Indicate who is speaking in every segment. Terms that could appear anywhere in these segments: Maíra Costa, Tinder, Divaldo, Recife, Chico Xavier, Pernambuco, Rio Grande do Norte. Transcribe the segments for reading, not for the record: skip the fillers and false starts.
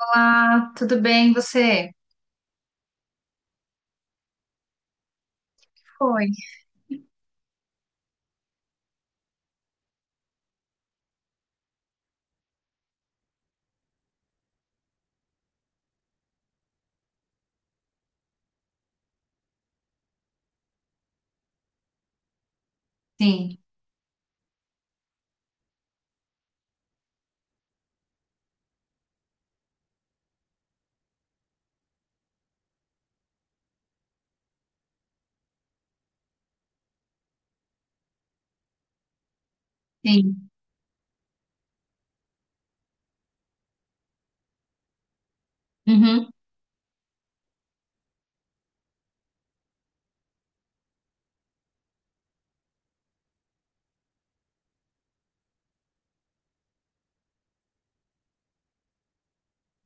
Speaker 1: Olá, tudo bem, você? Foi. Sim, sim. Uhum,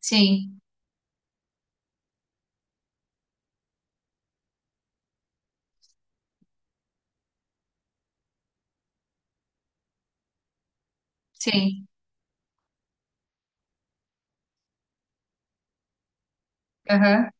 Speaker 1: sim, sim. Aham.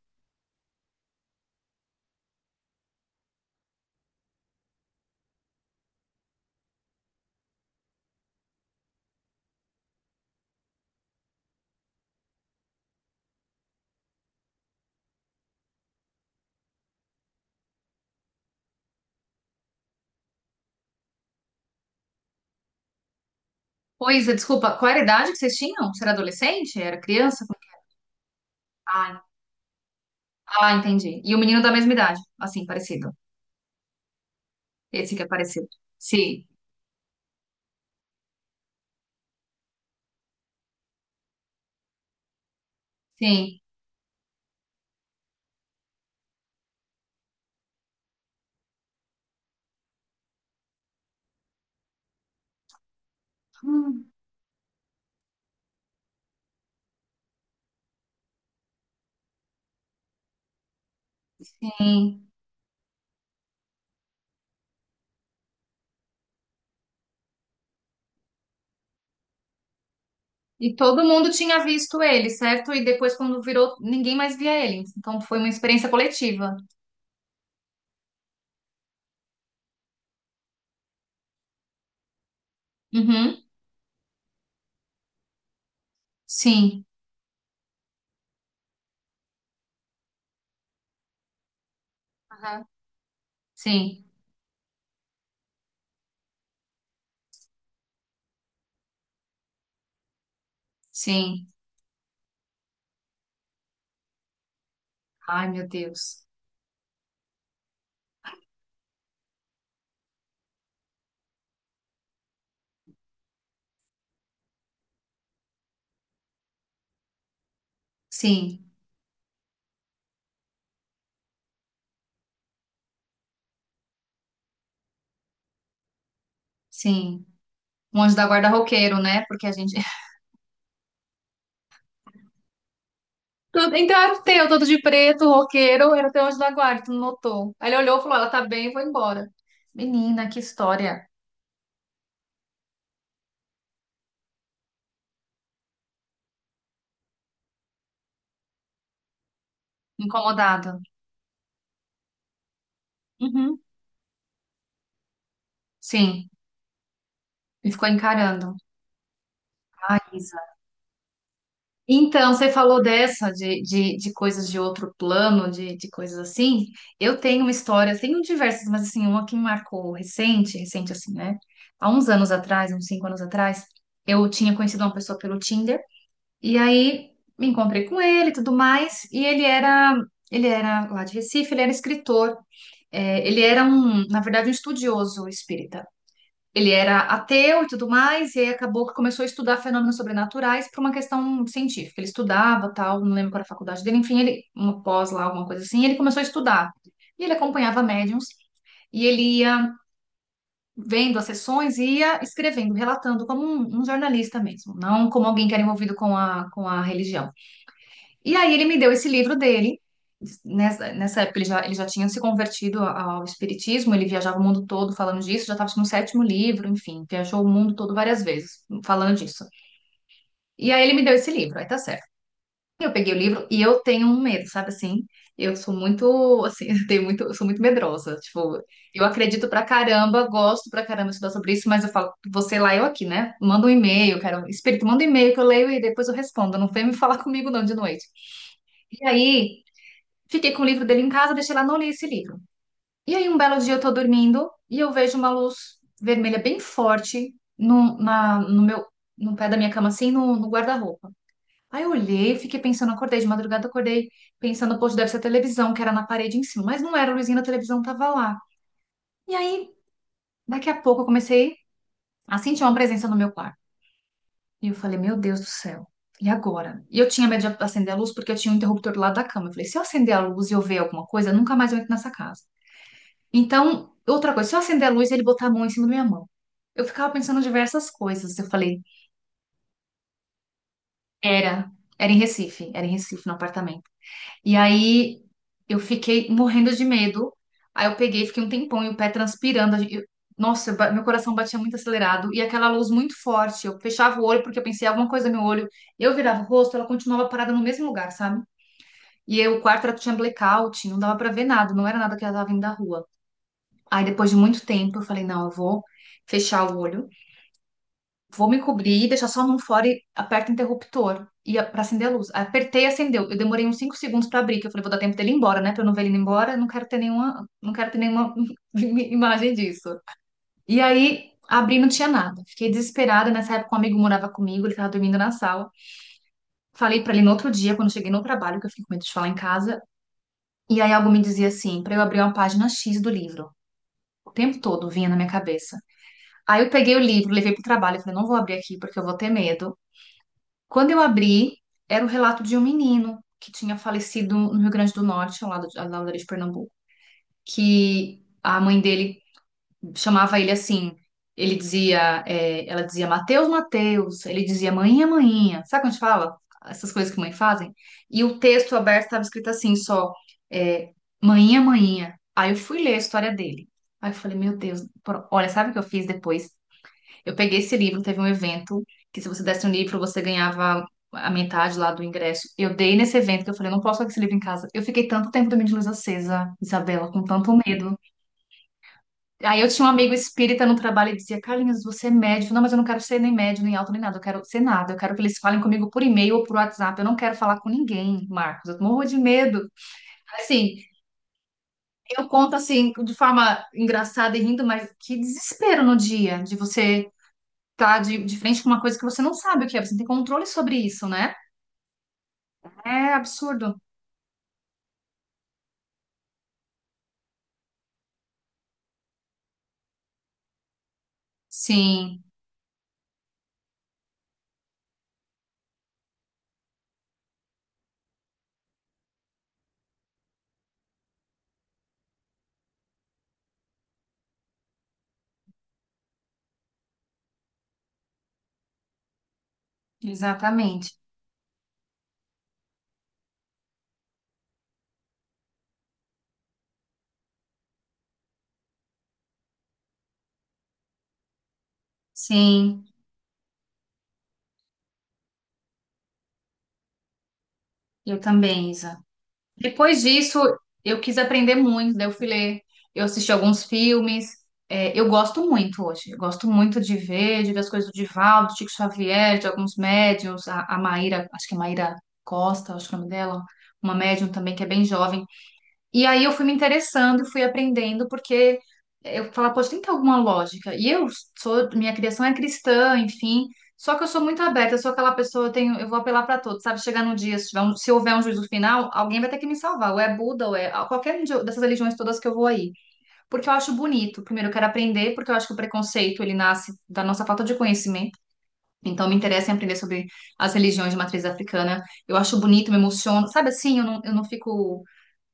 Speaker 1: Pois é, desculpa, qual era a idade que vocês tinham? Você era adolescente? Era criança? Como que- Ah, ah, entendi. E o menino da mesma idade, assim, parecido. Esse que é parecido. Sim, sim. Hum, sim. E todo mundo tinha visto ele, certo? E depois, quando virou, ninguém mais via ele. Então foi uma experiência coletiva. Uhum, sim. Aham. Sim, sim. Ai, meu Deus. Sim. Sim. Um anjo da guarda roqueiro, né? Porque a gente. Tudo- Então era o teu, todo de preto, roqueiro, era o teu anjo da guarda, tu não notou. Aí ele olhou e falou: ela tá bem, vou embora. Menina, que história. Incomodado. Uhum. Sim. E ficou encarando. Ah, Isa. Então, você falou dessa, de coisas de outro plano, de coisas assim. Eu tenho uma história, tenho diversas, mas assim, uma que me marcou recente, recente assim, né? Há uns anos atrás, uns 5 anos atrás, eu tinha conhecido uma pessoa pelo Tinder. E aí me encontrei com ele e tudo mais, e ele era lá de Recife, ele era escritor. É, ele era um, na verdade, um estudioso espírita. Ele era ateu e tudo mais, e aí acabou que começou a estudar fenômenos sobrenaturais por uma questão científica. Ele estudava, tal, não lembro qual era a faculdade dele, enfim, ele, uma pós lá, alguma coisa assim, e ele começou a estudar. E ele acompanhava médiums, e ele ia vendo as sessões e ia escrevendo, relatando como um jornalista mesmo, não como alguém que era envolvido com a religião. E aí ele me deu esse livro dele. Nessa época ele já tinha se convertido ao espiritismo, ele viajava o mundo todo falando disso, já estava no sétimo livro, enfim, viajou o mundo todo várias vezes falando disso. E aí ele me deu esse livro, aí tá certo. Eu peguei o livro e eu tenho um medo, sabe assim? Eu sou muito, assim, eu tenho muito, eu sou muito medrosa. Tipo, eu acredito pra caramba, gosto pra caramba de estudar sobre isso, mas eu falo, você lá, eu aqui, né? Manda um e-mail, quero, espírito, manda um e-mail que eu leio e depois eu respondo. Não vem me falar comigo não de noite. E aí fiquei com o livro dele em casa, deixei lá, não li esse livro. E aí, um belo dia, eu tô dormindo e eu vejo uma luz vermelha bem forte no meu, no pé da minha cama, assim, no guarda-roupa. Aí eu olhei, fiquei pensando, acordei de madrugada, acordei pensando, poxa, deve ser a televisão, que era na parede em cima. Mas não era, a luzinha da televisão tava lá. E aí, daqui a pouco, eu comecei a sentir uma presença no meu quarto. E eu falei, meu Deus do céu. E agora? E eu tinha medo de acender a luz porque eu tinha um interruptor do lado da cama. Eu falei, se eu acender a luz e eu ver alguma coisa, nunca mais eu entro nessa casa. Então, outra coisa, se eu acender a luz, e ele botar a mão em cima da minha mão. Eu ficava pensando em diversas coisas. Eu falei, era, era em Recife, era em Recife, no apartamento. E aí eu fiquei morrendo de medo. Aí eu peguei, fiquei um tempão e o pé transpirando. A gen- Eu- nossa, eu ba- meu coração batia muito acelerado e aquela luz muito forte. Eu fechava o olho porque eu pensei alguma coisa no meu olho. Eu virava o rosto, ela continuava parada no mesmo lugar, sabe? E aí, o quarto era, tinha blackout, não dava pra ver nada, não era nada que ela tava vindo da rua. Aí depois de muito tempo eu falei, não, eu vou fechar o olho, vou me cobrir, deixar só a mão fora e aperto o interruptor e para acender a luz. Apertei e acendeu. Eu demorei uns 5 segundos para abrir, que eu falei, vou dar tempo dele ir embora, né? Para eu não ver ele indo embora, eu não quero ter nenhuma, não quero ter nenhuma imagem disso. E aí abri, não tinha nada. Fiquei desesperada, nessa época um amigo morava comigo, ele estava dormindo na sala. Falei para ele no outro dia, quando cheguei no trabalho, que eu fiquei com medo de falar em casa, e aí algo me dizia assim, para eu abrir uma página X do livro. O tempo todo vinha na minha cabeça. Aí eu peguei o livro, levei pro trabalho, falei, não vou abrir aqui porque eu vou ter medo. Quando eu abri, era o relato de um menino que tinha falecido no Rio Grande do Norte, ao lado ali de Pernambuco, que a mãe dele chamava ele assim, ele dizia, é, ela dizia Mateus, Mateus, ele dizia manhinha, manhinha. Sabe quando a gente fala? Essas coisas que mãe fazem? E o texto aberto estava escrito assim, só, é, manhinha, manhinha. Aí eu fui ler a história dele. Aí eu falei, meu Deus, pro- olha, sabe o que eu fiz depois? Eu peguei esse livro, teve um evento que se você desse um livro, você ganhava a metade lá do ingresso. Eu dei nesse evento que eu falei, eu não posso ficar com esse livro em casa. Eu fiquei tanto tempo dormindo de luz acesa, Isabela, com tanto medo. Aí eu tinha um amigo espírita no trabalho e dizia, Carlinhos, você é médio. Eu falei, não, mas eu não quero ser nem médio, nem alto, nem nada. Eu quero ser nada. Eu quero que eles falem comigo por e-mail ou por WhatsApp. Eu não quero falar com ninguém, Marcos. Eu morro de medo. Assim, eu conto assim, de forma engraçada e rindo, mas que desespero no dia de você tá de frente com uma coisa que você não sabe o que é, você não tem controle sobre isso, né? É absurdo. Sim, exatamente. Sim, eu também, Isa. Depois disso, eu quis aprender muito, daí eu fui ler, eu assisti alguns filmes. É, eu gosto muito hoje, eu gosto muito de ver as coisas do Divaldo, do Chico Xavier, de alguns médiums, a Maíra, acho que é Maíra Costa, acho que é o nome dela, uma médium também que é bem jovem. E aí eu fui me interessando e fui aprendendo, porque eu falava, poxa, tem que ter alguma lógica. E eu sou, minha criação é cristã, enfim, só que eu sou muito aberta, eu sou aquela pessoa, eu tenho, eu vou apelar para todos, sabe? Chegar no dia, se tiver um- se houver um juízo final, alguém vai ter que me salvar, ou é Buda, ou é qualquer um de- dessas religiões todas que eu vou aí. Porque eu acho bonito, primeiro eu quero aprender, porque eu acho que o preconceito, ele nasce da nossa falta de conhecimento. Então, me interessa em aprender sobre as religiões de matriz africana. Eu acho bonito, me emociono. Sabe assim, eu não fico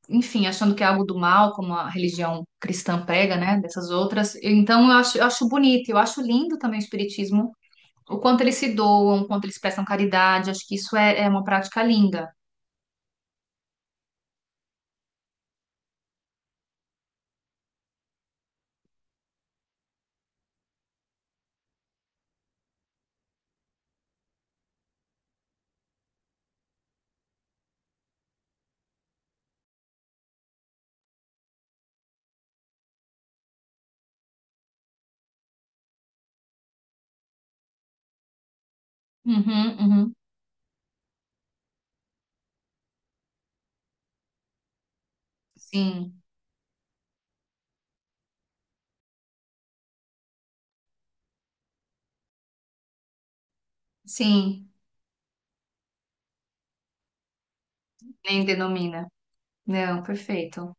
Speaker 1: enfim, achando que é algo do mal, como a religião cristã prega, né, dessas outras. Então, eu acho bonito, eu acho lindo também o espiritismo, o quanto eles se doam, o quanto eles prestam caridade, acho que isso é uma prática linda. Uhum, uhum. Sim, sim, nem denomina. Não, perfeito.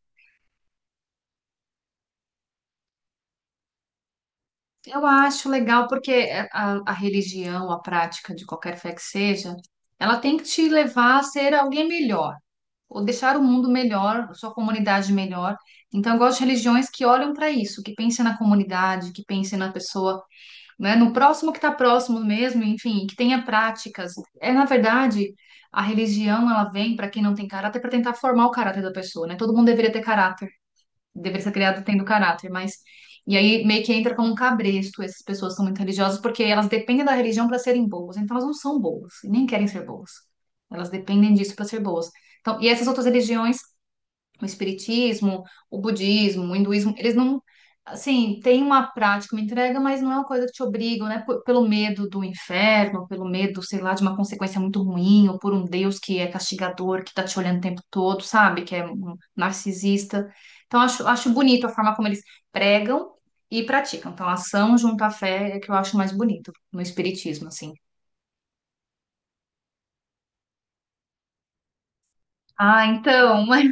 Speaker 1: Eu acho legal porque a religião, a prática de qualquer fé que seja, ela tem que te levar a ser alguém melhor, ou deixar o mundo melhor, sua comunidade melhor. Então, eu gosto de religiões que olham para isso, que pensem na comunidade, que pensem na pessoa, né, no próximo que está próximo mesmo, enfim, que tenha práticas. É, na verdade, a religião, ela vem para quem não tem caráter para tentar formar o caráter da pessoa, né? Todo mundo deveria ter caráter deveria ser criado tendo caráter, mas. E aí meio que entra como um cabresto, essas pessoas são muito religiosas porque elas dependem da religião para serem boas, então elas não são boas e nem querem ser boas. Elas dependem disso para ser boas. Então, e essas outras religiões o espiritismo, o budismo, o hinduísmo, eles não, assim, tem uma prática, uma entrega, mas não é uma coisa que te obrigam, né? P- pelo medo do inferno, pelo medo, sei lá, de uma consequência muito ruim, ou por um Deus que é castigador, que tá te olhando o tempo todo, sabe? Que é um narcisista. Então, acho bonito a forma como eles pregam e praticam. Então, ação junto à fé é que eu acho mais bonito no espiritismo, assim. Ah, então, mas,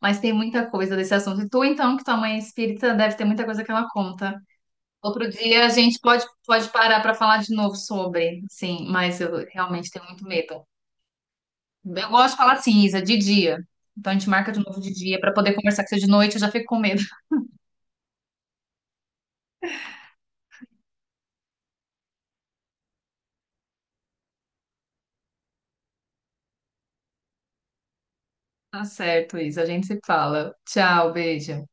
Speaker 1: mas tem muita coisa desse assunto. E tu, então, que tua mãe é espírita, deve ter muita coisa que ela conta. Outro dia a gente pode parar para falar de novo sobre, sim, mas eu realmente tenho muito medo. Eu gosto de falar assim, Isa, de dia. Então a gente marca de novo de dia para poder conversar com você de noite, eu já fico com medo. Tá certo, Isa, a gente se fala. Tchau, beijo.